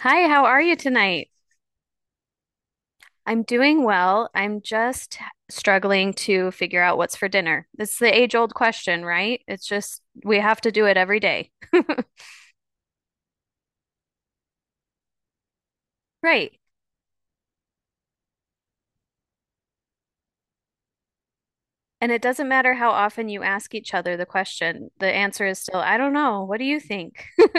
Hi, how are you tonight? I'm doing well. I'm just struggling to figure out what's for dinner. It's the age-old question, right? It's just we have to do it every day. Right. And it doesn't matter how often you ask each other the question, the answer is still, I don't know. What do you think?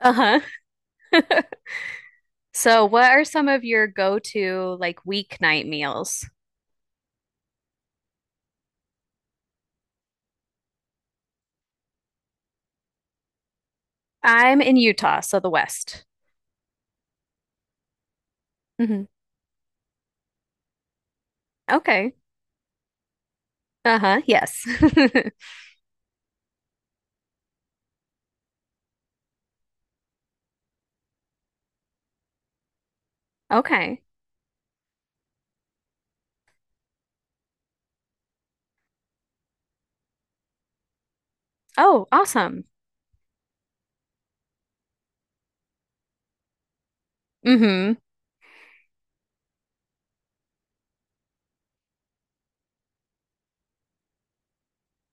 Uh-huh. So, what are some of your go-to like weeknight meals? I'm in Utah, so the West. hmm Okay. Uh-huh. Yes. Okay. Oh, awesome. Mm-hmm.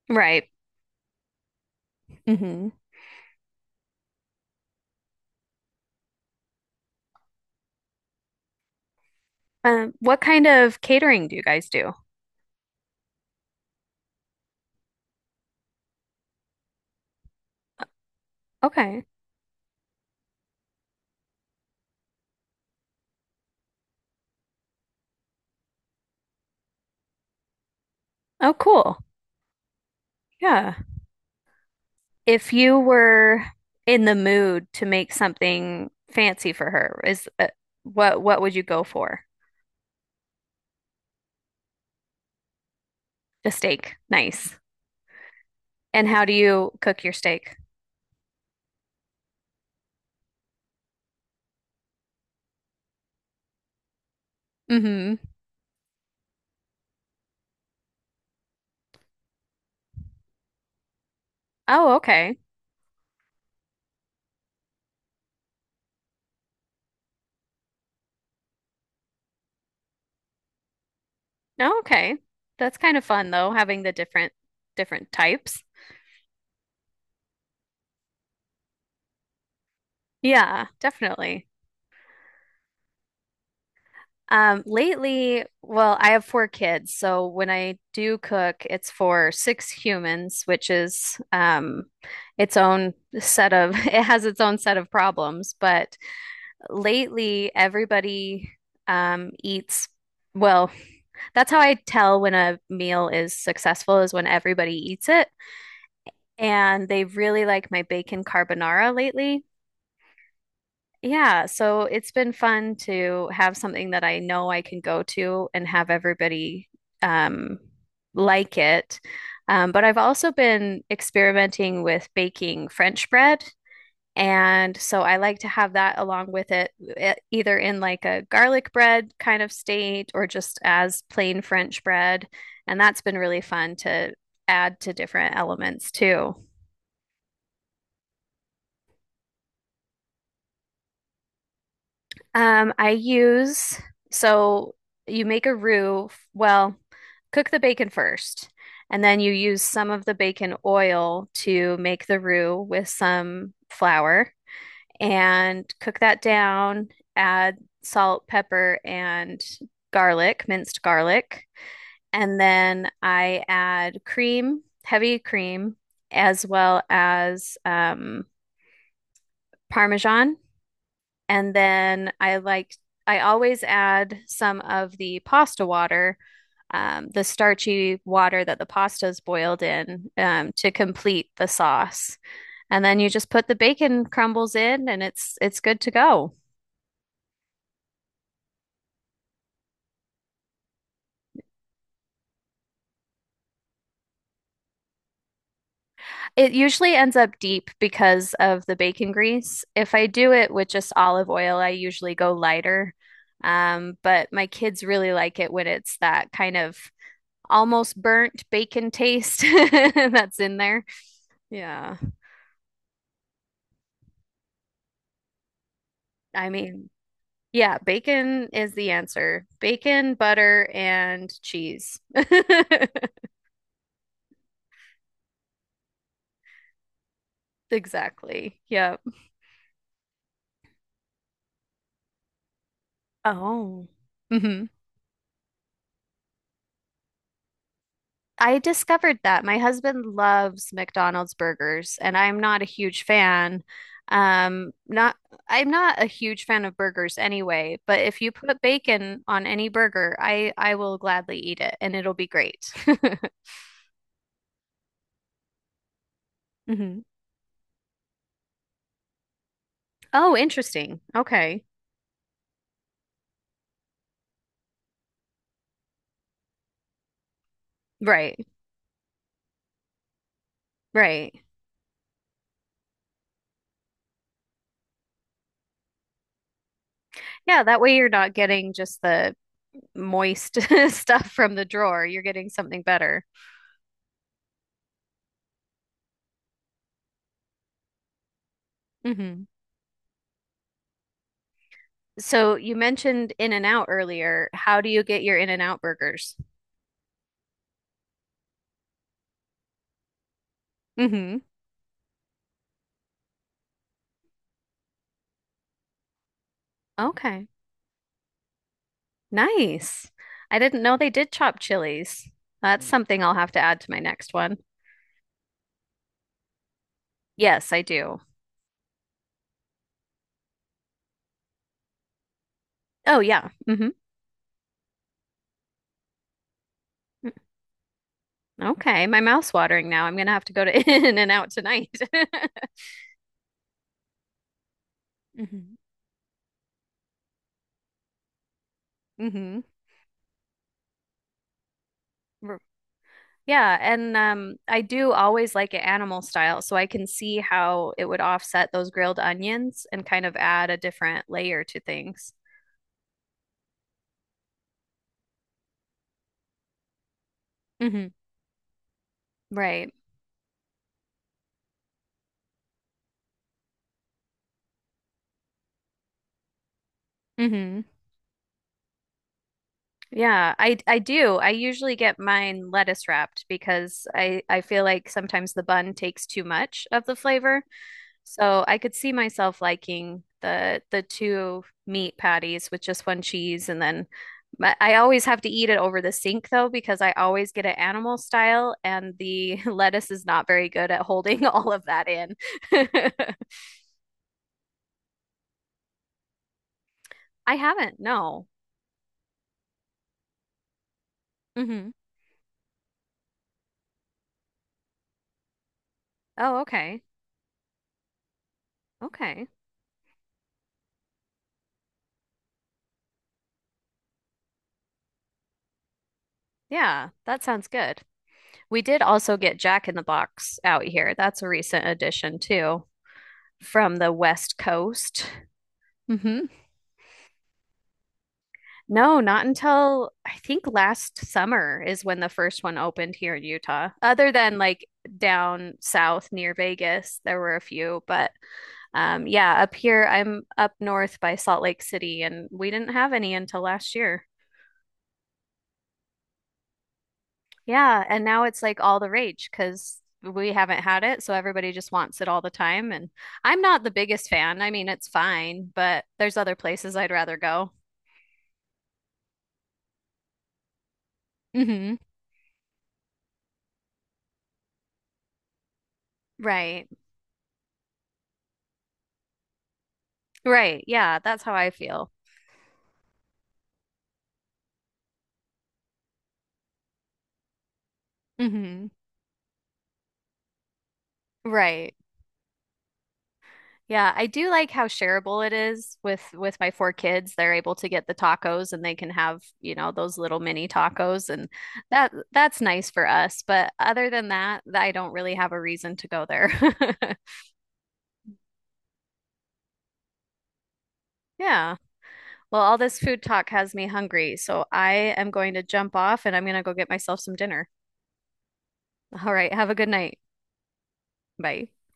Right. hmm what kind of catering do you guys do? Okay. Oh, cool. Yeah. If you were in the mood to make something fancy for her, is what would you go for? The steak. Nice. And how do you cook your steak? Mm-hmm. Oh, okay. Oh, okay. That's kind of fun though, having the different types. Yeah, definitely. Lately, well, I have four kids, so when I do cook, it's for six humans, which is its own set of it has its own set of problems. But lately, everybody eats well, that's how I tell when a meal is successful is when everybody eats it. And they really like my bacon carbonara lately. Yeah, so it's been fun to have something that I know I can go to and have everybody um, like it. But I've also been experimenting with baking French bread. And so I like to have that along with it, either in like a garlic bread kind of state or just as plain French bread. And that's been really fun to add to different elements too. I use so you make a roux. Well, cook the bacon first, and then you use some of the bacon oil to make the roux with some flour and cook that down. Add salt, pepper, and garlic, minced garlic. And then I add cream, heavy cream, as well as Parmesan, and then I always add some of the pasta water, the starchy water that the pasta is boiled in, to complete the sauce. And then you just put the bacon crumbles in and it's good to go. It usually ends up deep because of the bacon grease. If I do it with just olive oil, I usually go lighter. But my kids really like it when it's that kind of almost burnt bacon taste that's in there. Yeah. I mean, yeah, bacon is the answer. Bacon, butter, and cheese. Exactly. Yep. Oh. hmm I discovered that. My husband loves McDonald's burgers, and I'm not a huge fan. Not I'm not a huge fan of burgers anyway, but if you put bacon on any burger, I will gladly eat it and it'll be great. hmm Oh, interesting. Okay. Right. Right. Yeah, that way you're not getting just the moist stuff from the drawer. You're getting something better. Hmm So you mentioned In-N-Out earlier. How do you get your In-N-Out burgers? hmm Okay. Nice. I didn't know they did chop chilies. That's something I'll have to add to my next one. Yes, I do. Oh, yeah. Okay. My mouth's watering now. I'm gonna have to go to In-N-Out tonight. hmm hmm Yeah, and I do always like it animal style, so I can see how it would offset those grilled onions and kind of add a different layer to things. Hmm Right. hmm Yeah, I do. I usually get mine lettuce wrapped because I feel like sometimes the bun takes too much of the flavor. So I could see myself liking the two meat patties with just one cheese and then, but I always have to eat it over the sink though because I always get it animal style and the lettuce is not very good at holding all of that in. I haven't, no. hmm Oh, okay. Okay. Yeah, that sounds good. We did also get Jack in the Box out here. That's a recent addition too from the West Coast. Hmm No, not until I think last summer is when the first one opened here in Utah. Other than like down south near Vegas, there were a few, but yeah, up here I'm up north by Salt Lake City and we didn't have any until last year. Yeah, and now it's like all the rage because we haven't had it, so everybody just wants it all the time and I'm not the biggest fan. I mean, it's fine, but there's other places I'd rather go. Hmm Right. Right. Yeah, that's how I feel. Hmm Right. Yeah, I do like how shareable it is with my four kids. They're able to get the tacos and they can have, you know, those little mini tacos and that's nice for us. But other than that, I don't really have a reason to go there. Yeah. Well, all this food talk has me hungry, so I am going to jump off and I'm going to go get myself some dinner. All right, have a good night. Bye.